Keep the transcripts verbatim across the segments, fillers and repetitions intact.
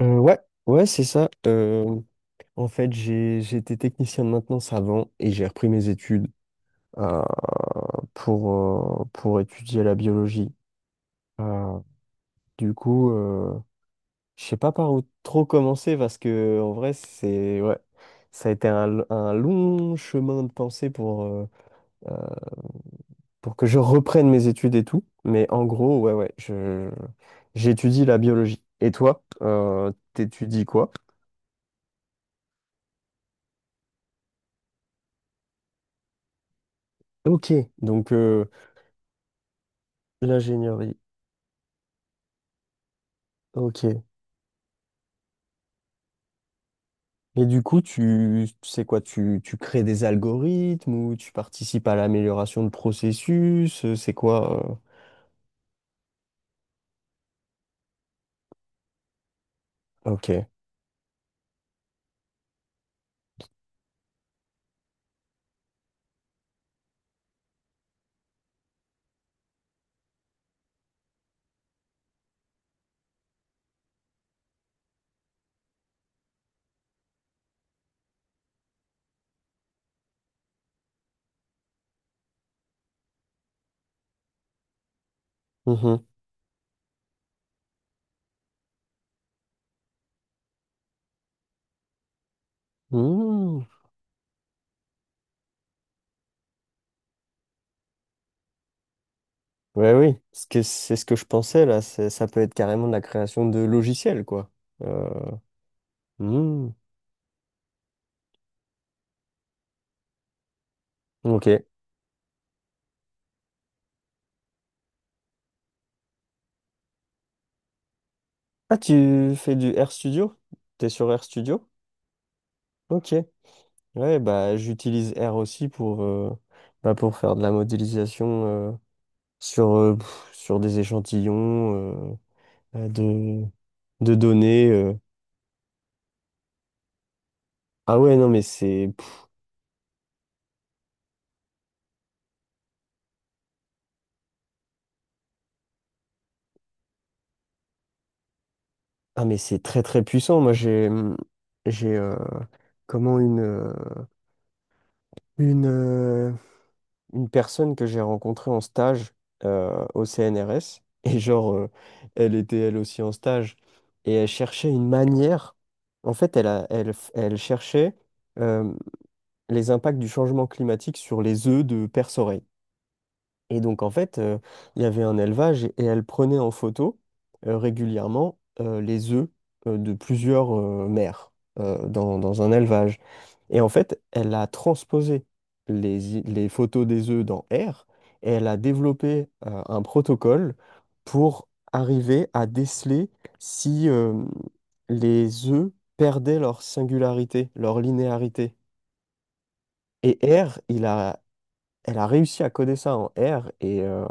Euh, ouais, ouais, c'est ça. Euh, en fait, j'ai, j'étais technicien de maintenance avant et j'ai repris mes études euh, pour, euh, pour étudier la biologie. Euh, du coup, euh, je sais pas par où trop commencer parce que en vrai, c'est ouais, ça a été un, l- un long chemin de pensée pour, euh, euh, pour que je reprenne mes études et tout. Mais en gros, ouais, ouais, je, j'étudie la biologie. Et toi, euh, t'étudies quoi? Ok, donc euh, l'ingénierie. Ok. Et du coup, tu, tu sais quoi, tu, tu crées des algorithmes ou tu participes à l'amélioration de processus, euh, c'est quoi? euh, Ok. Mhm. Mmh. Ouais, oui. Parce que c'est ce que je pensais là, c'est- ça peut être carrément de la création de logiciels, quoi. Euh, mmh. Ok. Ah, tu fais du RStudio? T'es sur RStudio? Ok. Ouais, bah j'utilise R aussi pour, euh, bah, pour faire de la modélisation euh, sur, euh, pff, sur des échantillons. euh, euh, de, de données. euh. Ah ouais, non, mais c'est pff, ah, mais c'est très très puissant. Moi, j'ai hum, j'ai euh, comment une euh, une euh, une personne que j'ai rencontrée en stage euh, au C N R S et genre euh, elle était elle aussi en stage et elle cherchait une manière. En fait, elle a, elle f- elle cherchait euh, les impacts du changement climatique sur les œufs de perce. Et donc, en fait, euh, il y avait un élevage et elle prenait en photo euh, régulièrement euh, les œufs euh, de plusieurs euh, mères euh, dans, dans un élevage. Et en fait, elle a transposé les, i- les photos des œufs dans R et elle a développé euh, un protocole pour arriver à déceler si euh, les œufs perdaient leur singularité, leur linéarité. Et R, il a, elle a réussi à coder ça en R et. euh,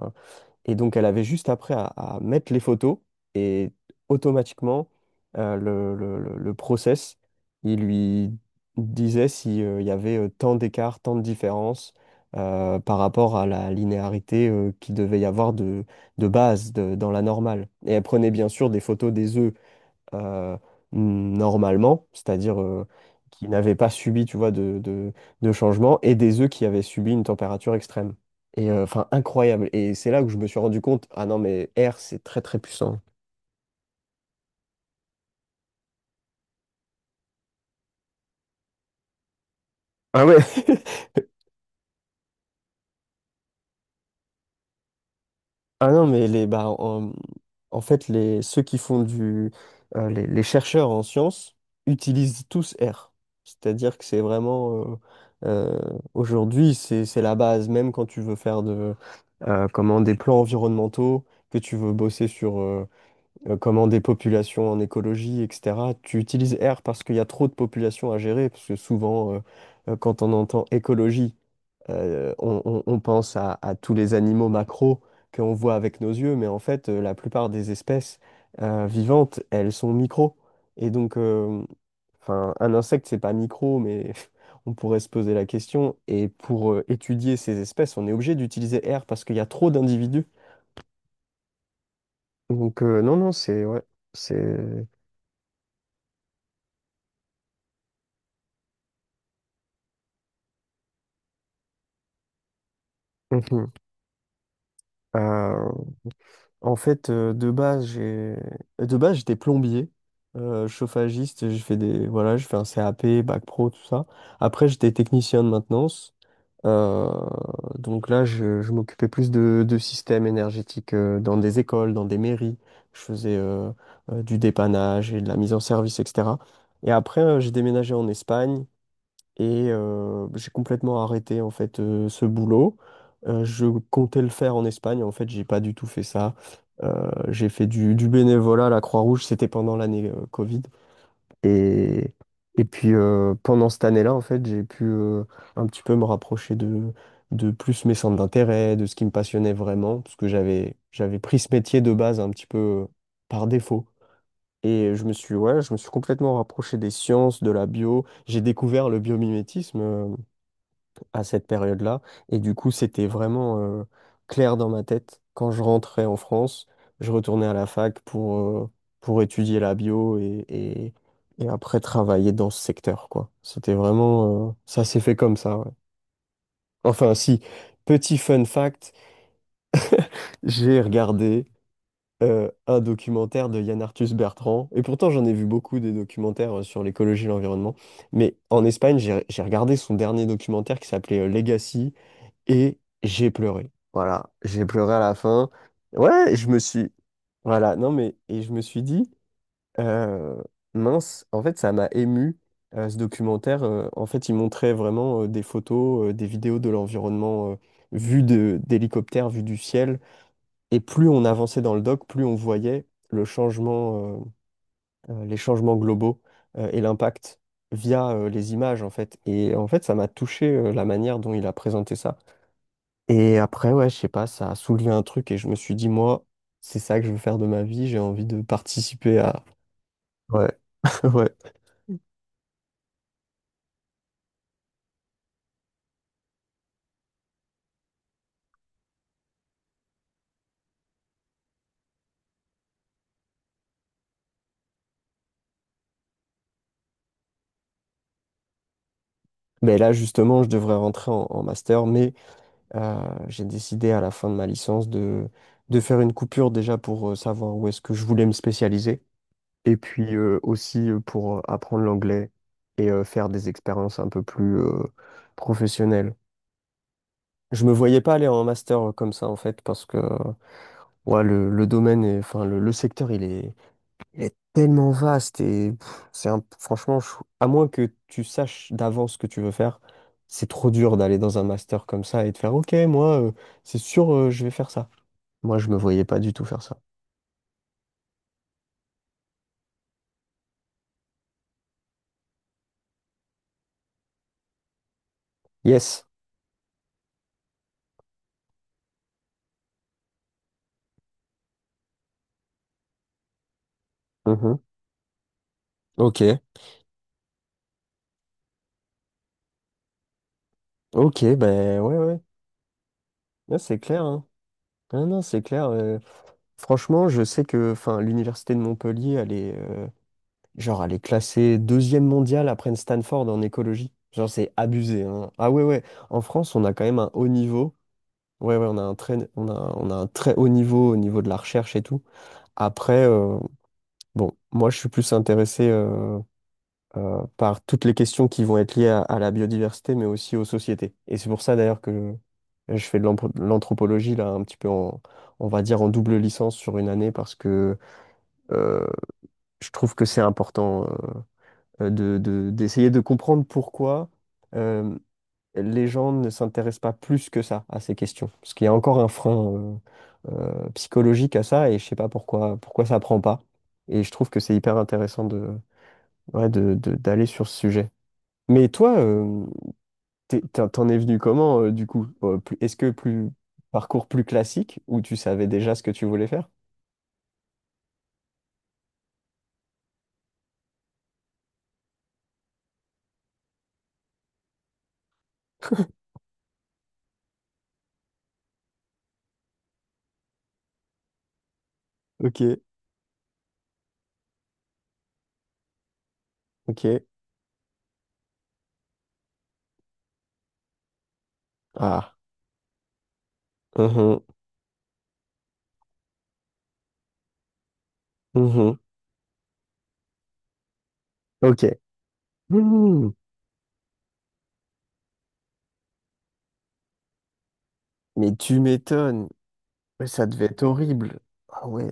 Et donc, elle avait juste après à, à mettre les photos et automatiquement, euh, le, le, le- le process, il lui disait si, euh, il y avait euh, tant d'écart, tant de différence euh, par rapport à la linéarité qui qu'il devait y avoir de, de base de- dans la normale. Et elle prenait bien sûr des photos des œufs euh, normalement, c'est-à-dire euh, qui n'avaient pas subi, tu vois, de, de, de changement, et des œufs qui avaient subi une température extrême. Et euh, enfin, incroyable. Et c'est là que je me suis rendu compte, ah non, mais R, c'est très très puissant. Ah ouais. Ah non, mais les, bah, en, en fait, les, ceux qui font du. Euh, les, les chercheurs en sciences utilisent tous R. C'est-à-dire que c'est vraiment. euh, euh, Aujourd'hui, c'est, c'est la base. Même quand tu veux faire de, euh, comment, des plans environnementaux, que tu veux bosser sur euh, euh, comment des populations en écologie, et cetera, tu utilises R parce qu'il y a trop de populations à gérer. Parce que souvent, euh, euh, quand on entend écologie, euh, on, on- on pense à, à tous les animaux macros que l'on voit avec nos yeux, mais en fait, euh, la plupart des espèces euh, vivantes, elles sont micros. Et donc, euh, enfin, un insecte, c'est pas micro, mais on pourrait se poser la question. Et pour euh, étudier ces espèces, on est obligé d'utiliser R parce qu'il y a trop d'individus. Donc, euh, non, non, c'est. Ouais, c'est. Mhm. Euh, En fait, euh, de base, j'ai de base j'étais plombier, euh, chauffagiste, j'ai fait des voilà, je fais un cap, bac pro, tout ça. Après, j'étais technicien de maintenance. Euh, donc là, je, je m'occupais plus de, de systèmes énergétiques euh, dans des écoles, dans des mairies. Je faisais euh, euh, du dépannage et de la mise en service, et cetera. Et après, euh, j'ai déménagé en Espagne et euh, j'ai complètement arrêté en fait euh, ce boulot. Euh, je comptais le faire en Espagne. En fait, j'ai pas du tout fait ça. Euh, j'ai fait du, du bénévolat à la Croix-Rouge. C'était pendant l'année euh, Covid. Et, et puis euh, pendant cette année-là, en fait, j'ai pu euh, un petit peu me rapprocher de, de plus mes centres d'intérêt, de ce qui me passionnait vraiment, parce que j'avais j'avais pris ce métier de base un petit peu euh, par défaut. Et je me suis, ouais, je me suis complètement rapproché des sciences, de la bio. J'ai découvert le biomimétisme à cette période-là. Et du coup, c'était vraiment euh, clair dans ma tête. Quand je rentrais en France, je retournais à la fac pour, euh, pour étudier la bio et, et, et après travailler dans ce secteur, quoi. C'était vraiment... euh, Ça s'est fait comme ça, ouais. Enfin, si, petit fun fact, j'ai regardé... euh, un documentaire de Yann Arthus Bertrand. Et pourtant, j'en ai vu beaucoup des documentaires euh, sur l'écologie et l'environnement. Mais en Espagne, j'ai j'ai regardé son dernier documentaire qui s'appelait euh, Legacy, et j'ai pleuré. Voilà, j'ai pleuré à la fin. Ouais, je me suis... Voilà, non mais... Et je me suis dit, euh, mince, en fait, ça m'a ému, euh, ce documentaire. Euh, en fait, il montrait vraiment euh, des photos, euh, des vidéos de l'environnement euh, vu de, d'hélicoptère, vu du ciel. Et plus on avançait dans le doc, plus on voyait le changement, euh, euh, les changements globaux euh, et l'impact via euh, les images, en fait. Et en fait, ça m'a touché euh, la manière dont il a présenté ça. Et après, ouais, je sais pas, ça a soulevé un truc et je me suis dit, moi, c'est ça que je veux faire de ma vie, j'ai envie de participer à... Ouais, ouais. Mais là, justement, je devrais rentrer en, en master, mais euh, j'ai décidé à la fin de ma licence de, de faire une coupure déjà pour euh, savoir où est-ce que je voulais me spécialiser, et puis euh, aussi euh, pour euh, apprendre l'anglais et euh, faire des expériences un peu plus euh, professionnelles. Je me voyais pas aller en master euh, comme ça, en fait, parce que... Ouais, le, le domaine, est- enfin, le, le secteur, il est, il est tellement vaste et pff, c'est un, franchement, je- à moins que tu saches d'avance ce que tu veux faire, c'est trop dur d'aller dans un master comme ça et de faire, OK, moi, euh, c'est sûr, euh, je vais faire ça. Moi, je me voyais pas du tout faire ça. Yes. Mhm. OK. OK, ben ouais, ouais. Ouais, c'est clair, hein. Ah non, c'est clair. euh, franchement, je sais que enfin, l'université de Montpellier, elle est, euh, genre, elle est classée deuxième mondiale après Stanford en écologie. Genre, c'est abusé, hein. Ah ouais, ouais. En France, on a quand même un haut niveau. Ouais, ouais, on a un très, on a, on a un très haut niveau au niveau de la recherche et tout. Après, euh, bon, moi, je suis plus intéressé euh, euh, par toutes les questions qui vont être liées à, à la biodiversité, mais aussi aux sociétés. Et c'est pour ça, d'ailleurs, que je fais de l'anthro- de l'anthropologie, là, un petit peu en, on va dire, en double licence sur une année, parce que euh, je trouve que c'est important euh, de, de- d'essayer de comprendre pourquoi. euh, les gens ne s'intéressent pas plus que ça à ces questions. Parce qu'il y a encore un frein euh, euh, psychologique à ça et je sais pas pourquoi, pourquoi ça prend pas. Et je trouve que c'est hyper intéressant de, ouais, de, de- d'aller sur ce sujet. Mais toi, euh, t'es- t'en t'en es venu comment euh, du coup? Euh, plus- Est-ce que plus parcours plus classique où tu savais déjà ce que tu voulais faire? Ok, ok. Ah, mhm, mhm, ok. Mhm. Mais tu m'étonnes. Mais ça devait être horrible. Ah ouais.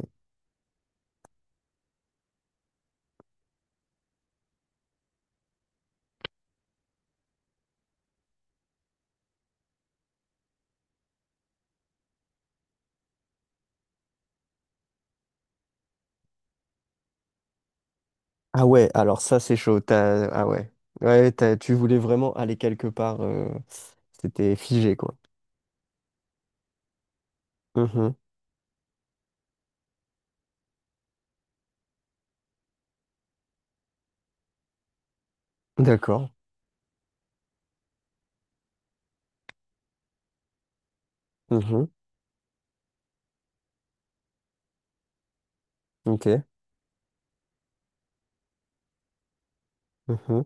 Ah ouais, alors ça c'est chaud. T'as... Ah ouais. Ouais, t'as- tu voulais vraiment aller quelque part. euh, C'était figé, quoi. Mhm. D'accord. Mhm. Ok. Mhm.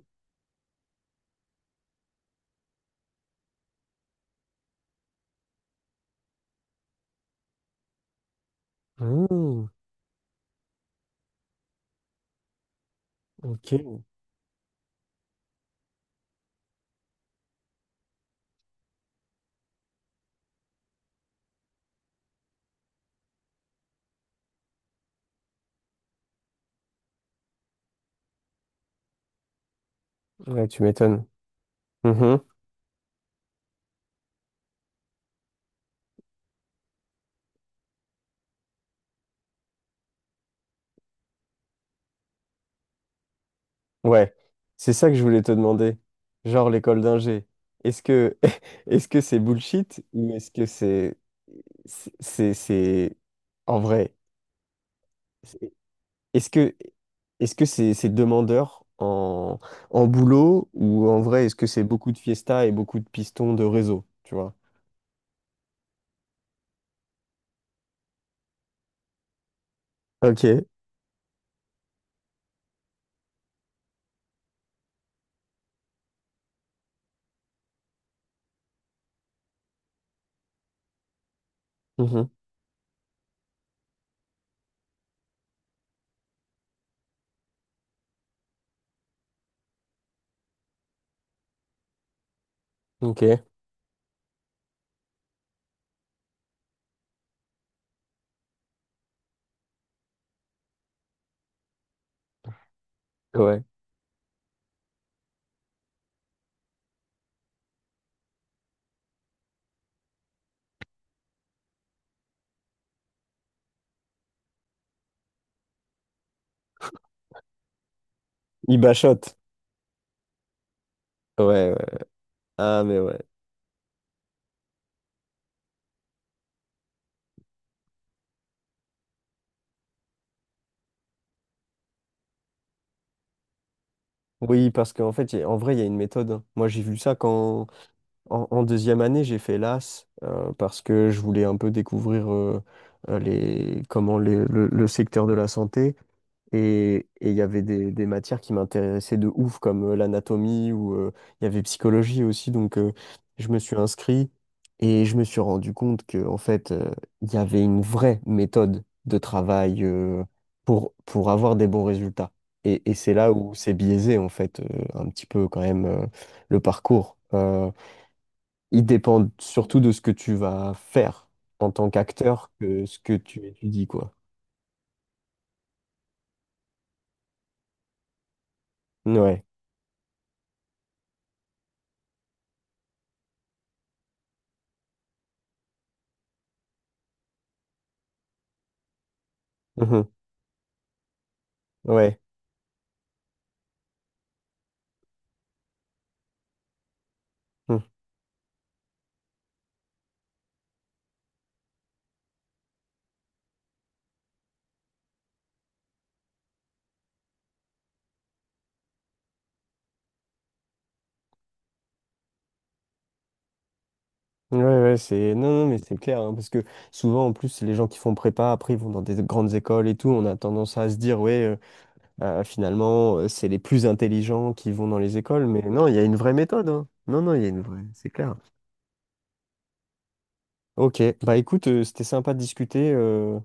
Mmh. Ok. Ouais, tu m'étonnes. Mhm. Ouais. C'est ça que je voulais te demander. Genre l'école d'ingé. Est-ce que est-ce que c'est bullshit ou est-ce que c'est c'est c'est c'est- en vrai? Est-ce que Est-ce que c'est c'est demandeur en, en boulot ou en vrai, est-ce que c'est beaucoup de fiesta et beaucoup de pistons de réseau, tu vois? Ok. Mhm. Ok. Ouais. Il bachote. Ouais, ouais. Ah, mais ouais. Oui, parce qu'en fait, y a- en vrai, il y a une méthode, hein. Moi, j'ai vu ça quand, en, en deuxième année, j'ai fait l'A S euh, parce que je voulais un peu découvrir euh, euh, les, comment les- le, le secteur de la santé. Et et il y avait des, des matières qui m'intéressaient de ouf, comme euh, l'anatomie ou euh, il y avait psychologie aussi. Donc, euh, je me suis inscrit et je me suis rendu compte que, en fait, euh, il y avait une vraie méthode de travail euh, pour, pour avoir des bons résultats. Et, et c'est là où c'est biaisé, en fait, euh, un petit peu quand même euh, le parcours. Euh, il dépend surtout de ce que tu vas faire en tant qu'acteur que ce que tu étudies, quoi. Ouais. Mhm. Ouais. Mmh. Ouais, ouais, c'est... Non, non, mais c'est clair, hein, parce que souvent, en plus, les gens qui font prépa, après, ils vont dans des grandes écoles et tout, on a tendance à se dire, ouais, euh, euh, finalement, euh, c'est les plus intelligents qui vont dans les écoles, mais non, il y a une vraie méthode, hein. Non, non, il y a une vraie, c'est clair. Ok, bah écoute, euh, c'était sympa de discuter, euh,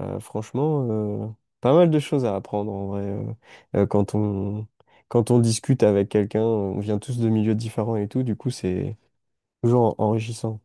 euh, franchement, euh, pas mal de choses à apprendre, en vrai, euh, euh, quand on... quand on discute avec quelqu'un, on vient tous de milieux différents et tout, du coup, c'est toujours enrichissant.